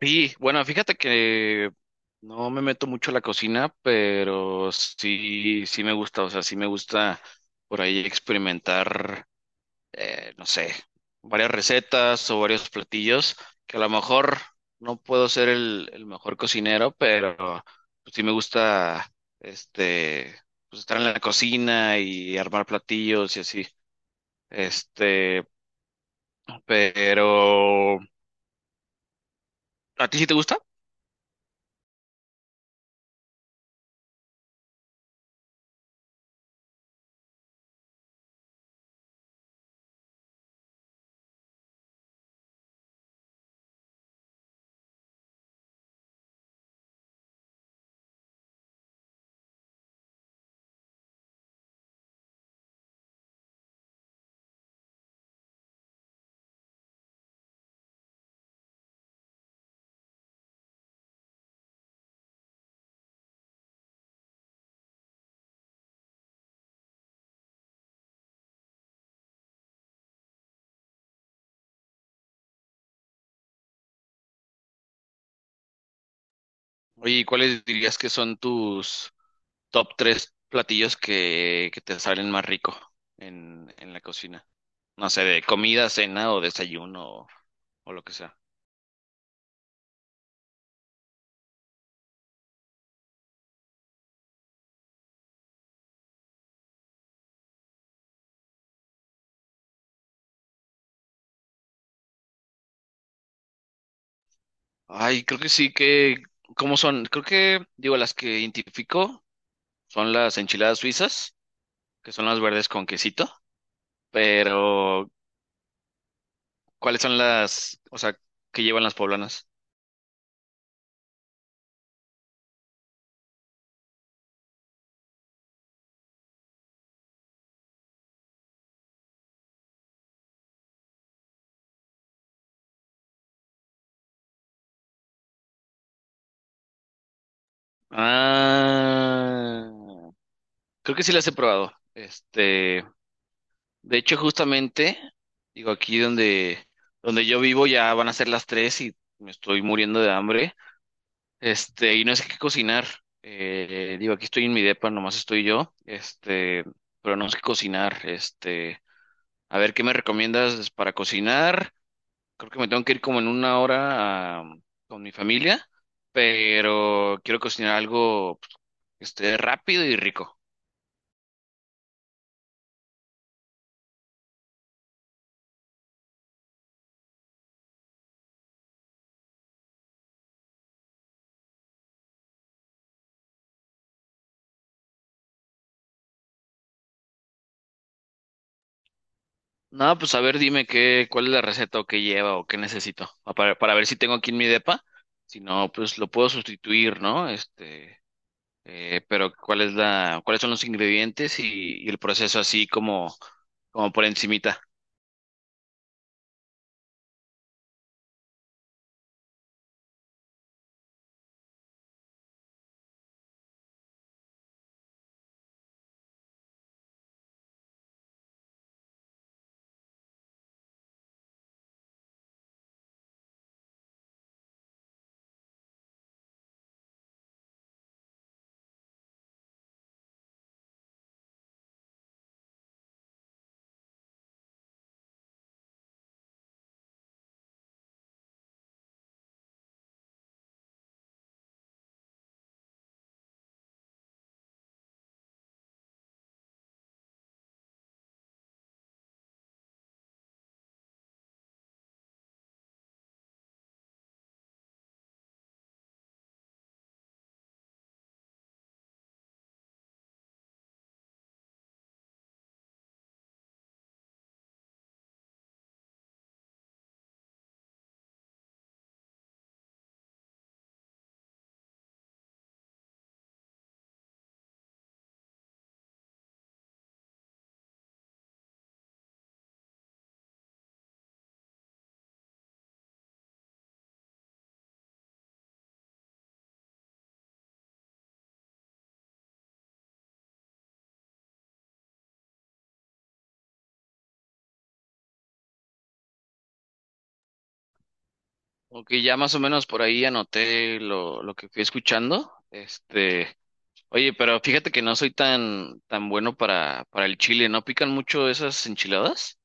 Sí, bueno, fíjate que no me meto mucho a la cocina, pero sí, sí me gusta, o sea, sí me gusta por ahí experimentar, no sé, varias recetas o varios platillos, que a lo mejor no puedo ser el mejor cocinero, pero pues, sí me gusta, este, pues estar en la cocina y armar platillos y así, este, pero ¿a ti sí te gusta? Oye, ¿cuáles dirías que son tus top tres platillos que te salen más rico en la cocina? No sé, de comida, cena o desayuno o lo que sea. Ay, creo que sí, que ¿cómo son? Creo que, digo, las que identifico son las enchiladas suizas, que son las verdes con quesito, pero ¿cuáles son las, o sea, que llevan las poblanas? Ah, creo que sí las he probado. De hecho, justamente, digo, donde yo vivo ya van a ser las tres y me estoy muriendo de hambre. Y no sé qué cocinar. Digo, aquí estoy en mi depa, nomás estoy yo. Pero no sé qué cocinar. A ver, ¿qué me recomiendas para cocinar? Creo que me tengo que ir como en una hora con mi familia, pero quiero cocinar algo pues, que esté rápido y rico. No, pues a ver, cuál es la receta o qué lleva o qué necesito, ah, para ver si tengo aquí en mi depa. Si no, pues lo puedo sustituir, ¿no? Pero cuál es cuáles son los ingredientes y el proceso así como, como por encimita. Ok, ya más o menos por ahí anoté lo que fui escuchando. Oye, pero fíjate que no soy tan bueno para el chile. ¿No pican mucho esas enchiladas?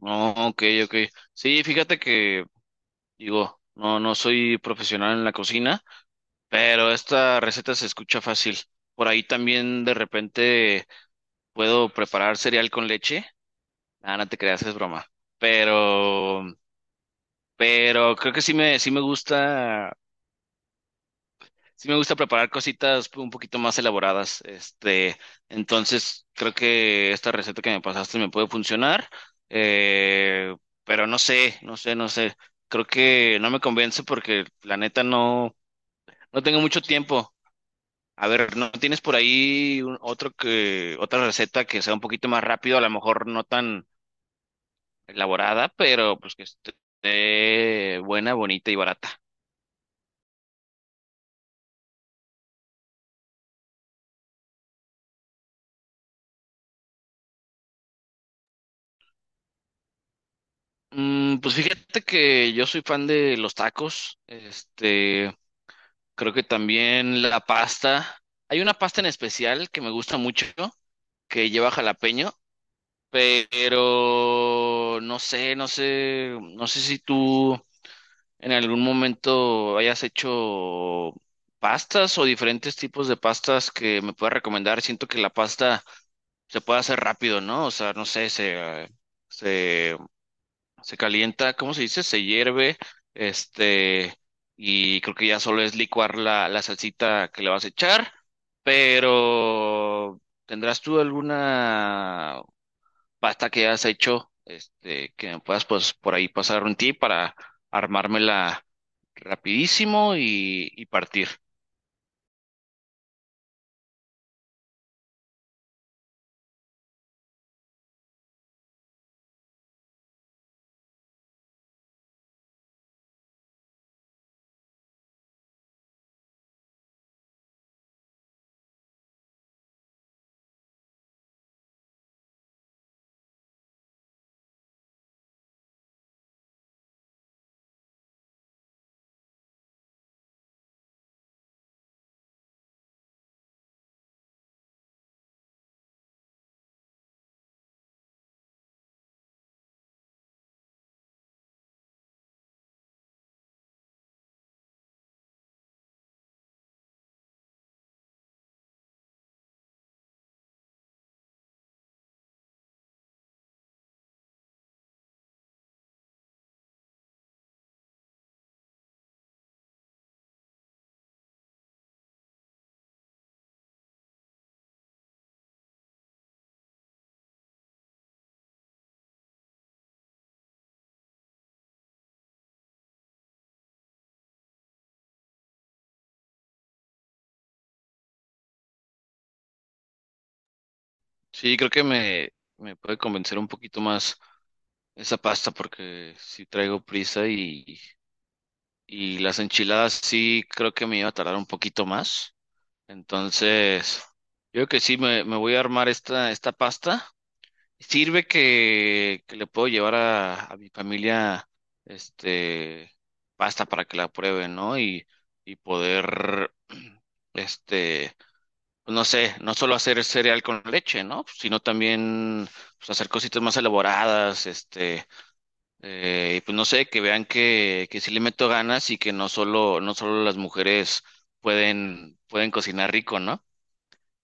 No, ok, ok. Sí, fíjate que digo, no, no soy profesional en la cocina, pero esta receta se escucha fácil. Por ahí también de repente puedo preparar cereal con leche. Ah, no te creas, es broma. Pero, pero creo que sí me gusta preparar cositas un poquito más elaboradas. Entonces creo que esta receta que me pasaste me puede funcionar. Eh, pero no sé. Creo que no me convence porque la neta no. No tengo mucho tiempo. A ver, ¿no tienes por ahí otro, otra receta que sea un poquito más rápido, a lo mejor no tan elaborada, pero pues que esté buena, bonita y barata? Mm, pues fíjate que yo soy fan de los tacos. Creo que también la pasta. Hay una pasta en especial que me gusta mucho, que lleva jalapeño, pero no sé si tú en algún momento hayas hecho pastas o diferentes tipos de pastas que me puedas recomendar. Siento que la pasta se puede hacer rápido, ¿no? O sea, no sé, se, se, se calienta, ¿cómo se dice? Se hierve, este, y creo que ya solo es licuar la salsita que le vas a echar, pero ¿tendrás tú alguna pasta que hayas hecho? Que me puedas pues por ahí pasar un tip para armármela rapidísimo y partir. Sí, creo que me puede convencer un poquito más esa pasta porque sí traigo prisa y las enchiladas sí creo que me iba a tardar un poquito más. Entonces, yo creo que me voy a armar esta pasta. Sirve que le puedo llevar a mi familia este pasta para que la prueben, ¿no? Y poder este pues, no sé, no solo hacer cereal con leche, ¿no? Pues, sino también pues, hacer cositas más elaboradas, y pues no sé, que vean que sí le meto ganas y que no solo las mujeres pueden, pueden cocinar rico, ¿no?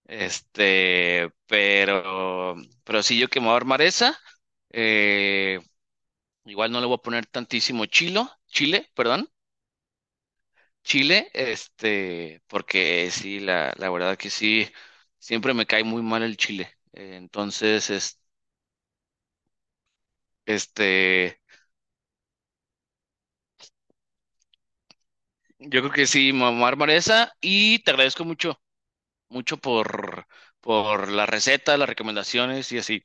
Este, pero, pero sí, yo que me voy a armar esa, eh, igual no le voy a poner tantísimo chile, perdón, chile, porque sí, la verdad que sí, siempre me cae muy mal el chile. Entonces, este, yo creo que sí, mamar esa y te agradezco mucho, mucho por la receta, las recomendaciones y así.